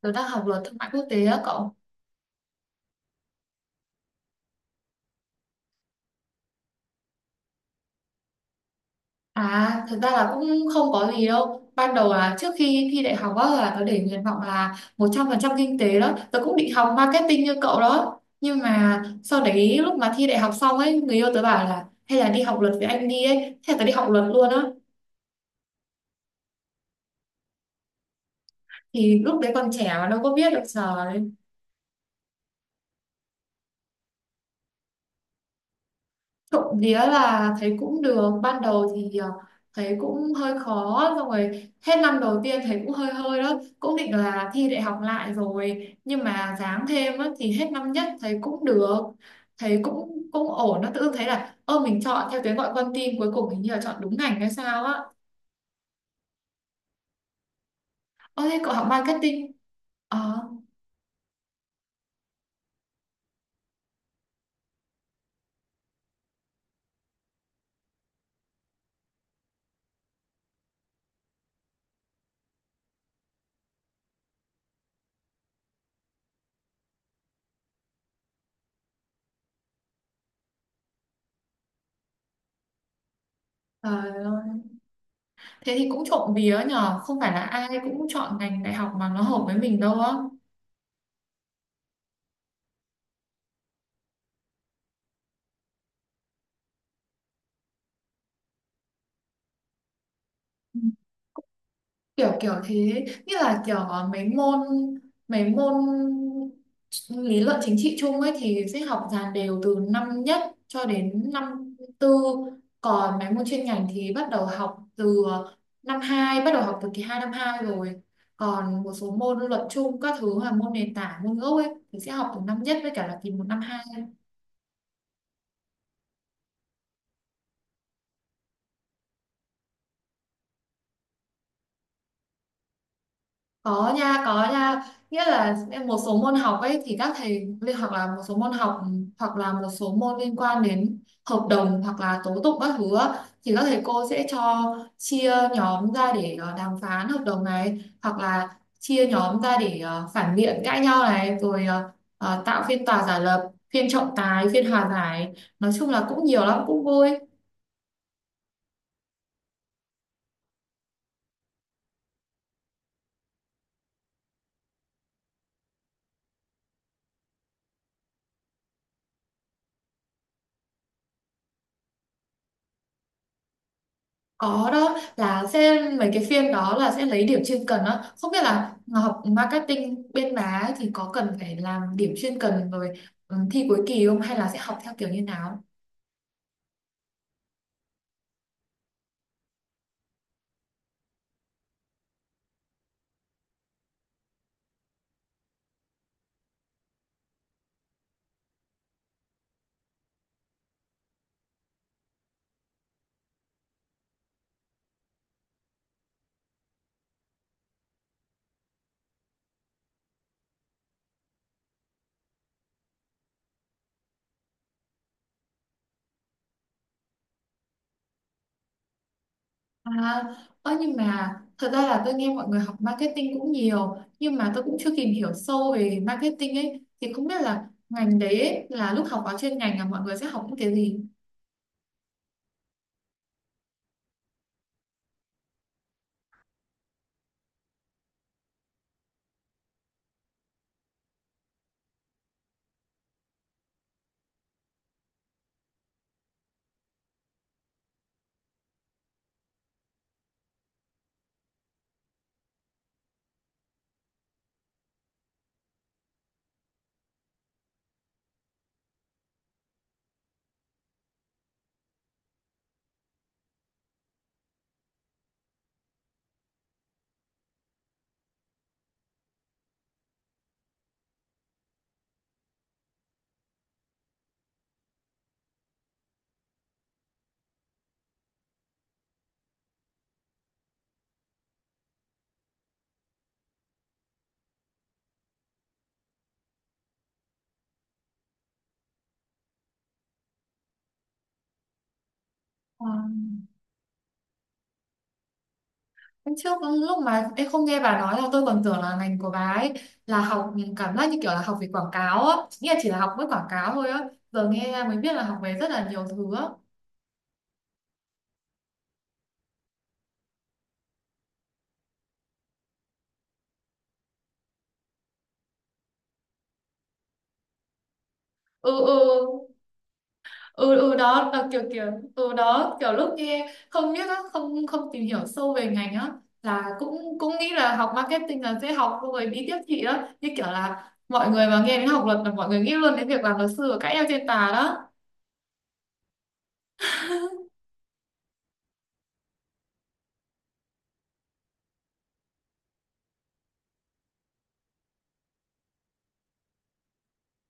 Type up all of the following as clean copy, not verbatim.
Tớ đang học luật thương mại quốc tế á cậu. À, thực ra là cũng không có gì đâu. Ban đầu là trước khi thi đại học á, là tớ để nguyện vọng là 100% kinh tế đó. Tớ cũng định học marketing như cậu đó. Nhưng mà sau đấy lúc mà thi đại học xong ấy, người yêu tớ bảo là hay là đi học luật với anh đi ấy. Thế là tớ đi học luật luôn á. Thì lúc đấy còn trẻ mà đâu có biết được giờ. Trộm vía là thấy cũng được, ban đầu thì thấy cũng hơi khó, xong rồi hết năm đầu tiên thấy cũng hơi hơi đó, cũng định là thi đại học lại rồi nhưng mà ráng thêm á, thì hết năm nhất thấy cũng được, thấy cũng cũng ổn. Nó tự dưng thấy là ơ mình chọn theo tiếng gọi con tim, cuối cùng hình như là chọn đúng ngành hay sao á. Ơ thế cậu học marketing? Ờ. Trời ơi. Thế thì cũng trộm vía nhờ, không phải là ai cũng chọn ngành đại học mà nó hợp với mình đâu á. Kiểu kiểu thế, như là kiểu mấy môn lý luận chính trị chung ấy thì sẽ học dàn đều từ năm nhất cho đến năm tư, còn mấy môn chuyên ngành thì bắt đầu học từ năm hai, bắt đầu học từ kỳ hai năm hai rồi, còn một số môn luận chung các thứ là môn nền tảng, môn gốc ấy thì sẽ học từ năm nhất với cả là kỳ một năm hai. Có nha, có nha, nghĩa là em một số môn học ấy thì các thầy liên hoặc là một số môn học, hoặc là một số môn liên quan đến hợp đồng hoặc là tố tụng các thứ á, thì các thầy cô sẽ cho chia nhóm ra để đàm phán hợp đồng này, hoặc là chia nhóm ra để phản biện cãi nhau này, rồi tạo phiên tòa giả lập, phiên trọng tài, phiên hòa giải. Nói chung là cũng nhiều lắm, cũng vui. Có đó, là sẽ mấy cái phiên đó là sẽ lấy điểm chuyên cần đó, không biết là học marketing bên má ấy thì có cần phải làm điểm chuyên cần rồi thi cuối kỳ không, hay là sẽ học theo kiểu như nào. À, ơ nhưng mà thật ra là tôi nghe mọi người học marketing cũng nhiều, nhưng mà tôi cũng chưa tìm hiểu sâu về marketing ấy, thì không biết là ngành đấy ấy, là lúc học vào chuyên ngành là mọi người sẽ học những cái gì. Hôm trước lúc mà em không nghe bà nói, là tôi còn tưởng là ngành của bà ấy là học, cảm giác như kiểu là học về quảng cáo á, nghĩa là chỉ là học với quảng cáo thôi á. Giờ nghe mới biết là học về rất là nhiều thứ á. Ừ, ừ, ừ, ừ, đó là kiểu kiểu. Ừ đó, kiểu lúc nghe không biết á, không không tìm hiểu sâu về ngành á, là cũng cũng nghĩ là học marketing là sẽ học xong rồi đi tiếp thị á, như kiểu là mọi người mà nghe đến học luật là mọi người nghĩ luôn đến việc làm luật sư và cãi nhau trên tà đó.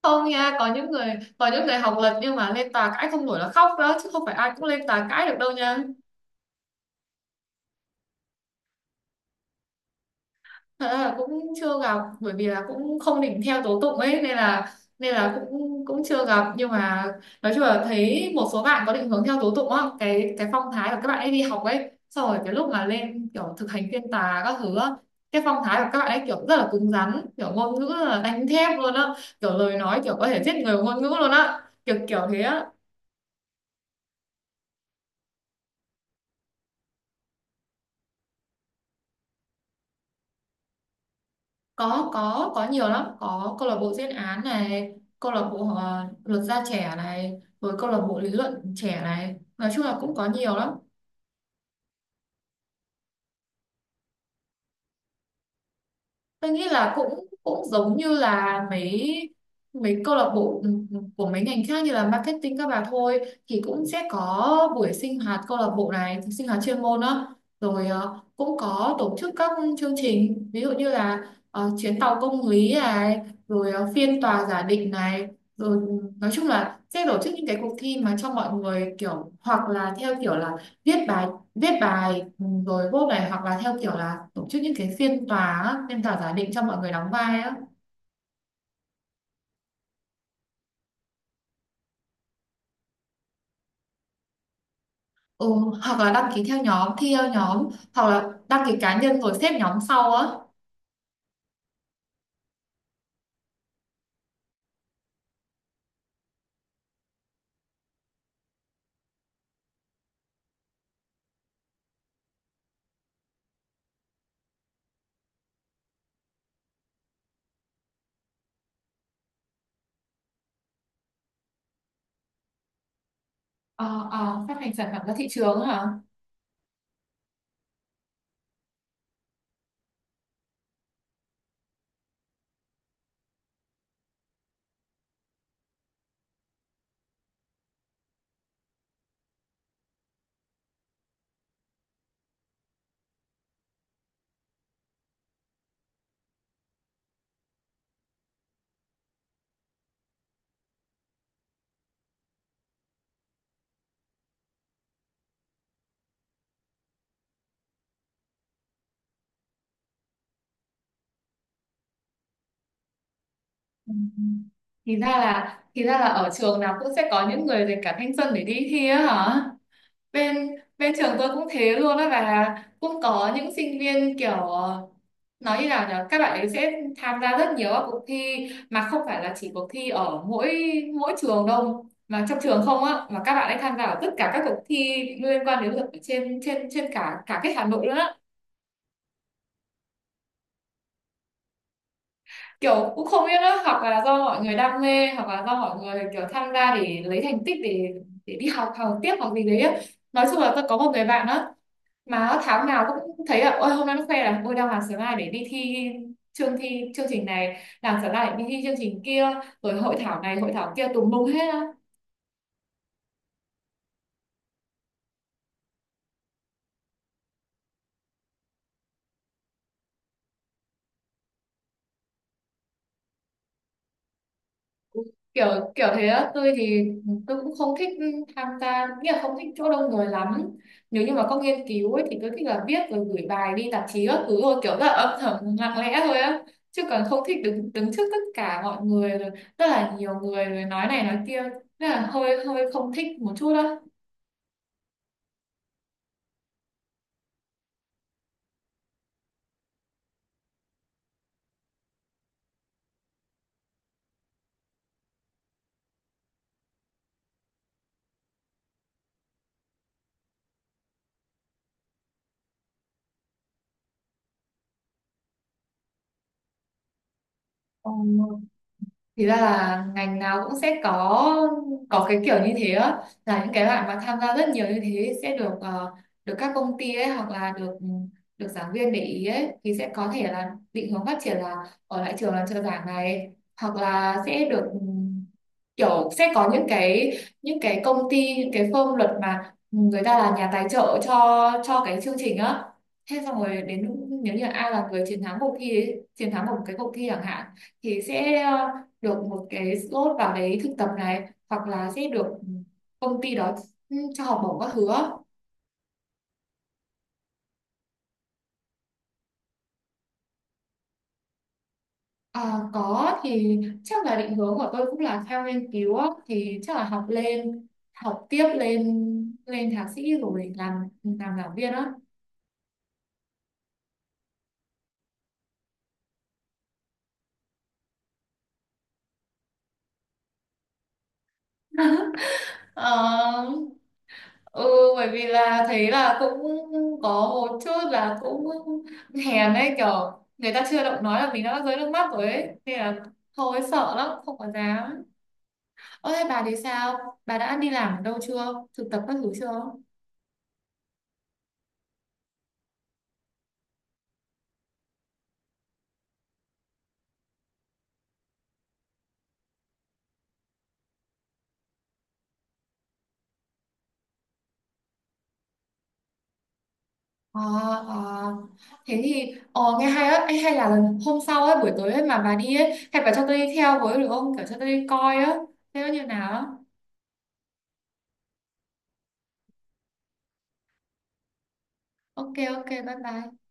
Không nha, có những người học lệch nhưng mà lên tòa cãi không nổi là khóc đó, chứ không phải ai cũng lên tòa cãi được đâu nha. Thật ra là cũng chưa gặp, bởi vì là cũng không định theo tố tụng ấy nên là cũng cũng chưa gặp, nhưng mà nói chung là thấy một số bạn có định hướng theo tố tụng á, cái phong thái của các bạn ấy đi học ấy, xong rồi cái lúc mà lên kiểu thực hành phiên tòa các thứ á, cái phong thái của các bạn ấy kiểu rất là cứng rắn, kiểu ngôn ngữ là đánh thép luôn á, kiểu lời nói kiểu có thể giết người bằng ngôn ngữ luôn á, kiểu kiểu thế á. Có nhiều lắm, có câu lạc bộ diễn án này, câu lạc bộ luật gia trẻ này, rồi câu lạc bộ lý luận trẻ này, nói chung là cũng có nhiều lắm. Tôi nghĩ là cũng cũng giống như là mấy mấy câu lạc bộ của mấy ngành khác như là marketing các bà thôi, thì cũng sẽ có buổi sinh hoạt câu lạc bộ này, sinh hoạt chuyên môn đó. Rồi cũng có tổ chức các chương trình, ví dụ như là chuyến tàu công lý này, rồi phiên tòa giả định này, rồi nói chung là sẽ tổ chức những cái cuộc thi mà cho mọi người, kiểu hoặc là theo kiểu là viết bài, rồi vote này, hoặc là theo kiểu là tổ chức những cái phiên tòa á, phiên tòa giả định cho mọi người đóng vai á. Ừ, hoặc là đăng ký theo nhóm thi theo nhóm, hoặc là đăng ký cá nhân rồi xếp nhóm sau á. Ờ, ờ, phát hành sản phẩm ra thị trường hả? Ừ. Thì ra là ở trường nào cũng sẽ có những người dành cả thanh xuân để đi thi á hả? Bên Bên trường tôi cũng thế luôn á, và cũng có những sinh viên kiểu nói như nào nhỉ, các bạn ấy sẽ tham gia rất nhiều các cuộc thi mà không phải là chỉ cuộc thi ở mỗi mỗi trường đâu, mà trong trường không á, mà các bạn ấy tham gia ở tất cả các cuộc thi liên quan đến luật ở trên trên trên cả cả cái Hà Nội luôn á. Kiểu cũng không biết nữa, hoặc là do mọi người đam mê, hoặc là do mọi người kiểu tham gia để lấy thành tích, để đi học, học tiếp hoặc gì đấy á. Nói chung là tôi có một người bạn đó, mà tháng nào cũng thấy là ôi hôm nay nó khoe là ôi đang làm sớm này để đi thi, chương trình này, làm sớm này đi thi chương trình kia, rồi hội thảo này hội thảo kia tùm lum hết á. Kiểu kiểu thế á, tôi thì tôi cũng không thích tham gia, nghĩa là không thích chỗ đông người lắm, nếu như mà có nghiên cứu ấy, thì tôi thích là viết rồi gửi bài đi tạp chí các thứ thôi, kiểu rất là âm thầm lặng lẽ thôi á, chứ còn không thích đứng đứng trước tất cả mọi người, rồi rất là nhiều người rồi nói này nói kia, rất là hơi hơi không thích một chút á. Ờ. Thì ra là ngành nào cũng sẽ có cái kiểu như thế á, là những cái bạn mà tham gia rất nhiều như thế sẽ được được các công ty ấy, hoặc là được được giảng viên để ý ấy, thì sẽ có thể là định hướng phát triển là ở lại trường làm trợ giảng này, hoặc là sẽ được kiểu sẽ có những cái công ty, những cái firm luật mà người ta là nhà tài trợ cho cái chương trình á, thế xong rồi đến lúc nếu như ai là người chiến thắng cuộc thi ấy, chiến thắng một cái cuộc thi chẳng hạn, thì sẽ được một cái slot vào đấy thực tập này, hoặc là sẽ được công ty đó cho học bổng các thứ á. À, có, thì chắc là định hướng của tôi cũng là theo nghiên cứu á, thì chắc là học lên, học tiếp lên lên thạc sĩ rồi làm giảng viên á. Ờ, ừ, bởi vì là thấy là cũng có một chút là cũng hèn ấy, kiểu người ta chưa động nói là mình đã rơi nước mắt rồi ấy, nên là thôi sợ lắm không có dám. Ơ thế bà thì sao? Bà đã đi làm ở đâu chưa? Thực tập các thứ chưa? À, à. Thế thì nghe hay á. Ê, hay là lần hôm sau ấy, buổi tối ấy mà bà đi ấy, hay bà cho tôi đi theo với được không? Kiểu cho tôi đi coi á, thế nó như nào á. Ok, ok, bye bye.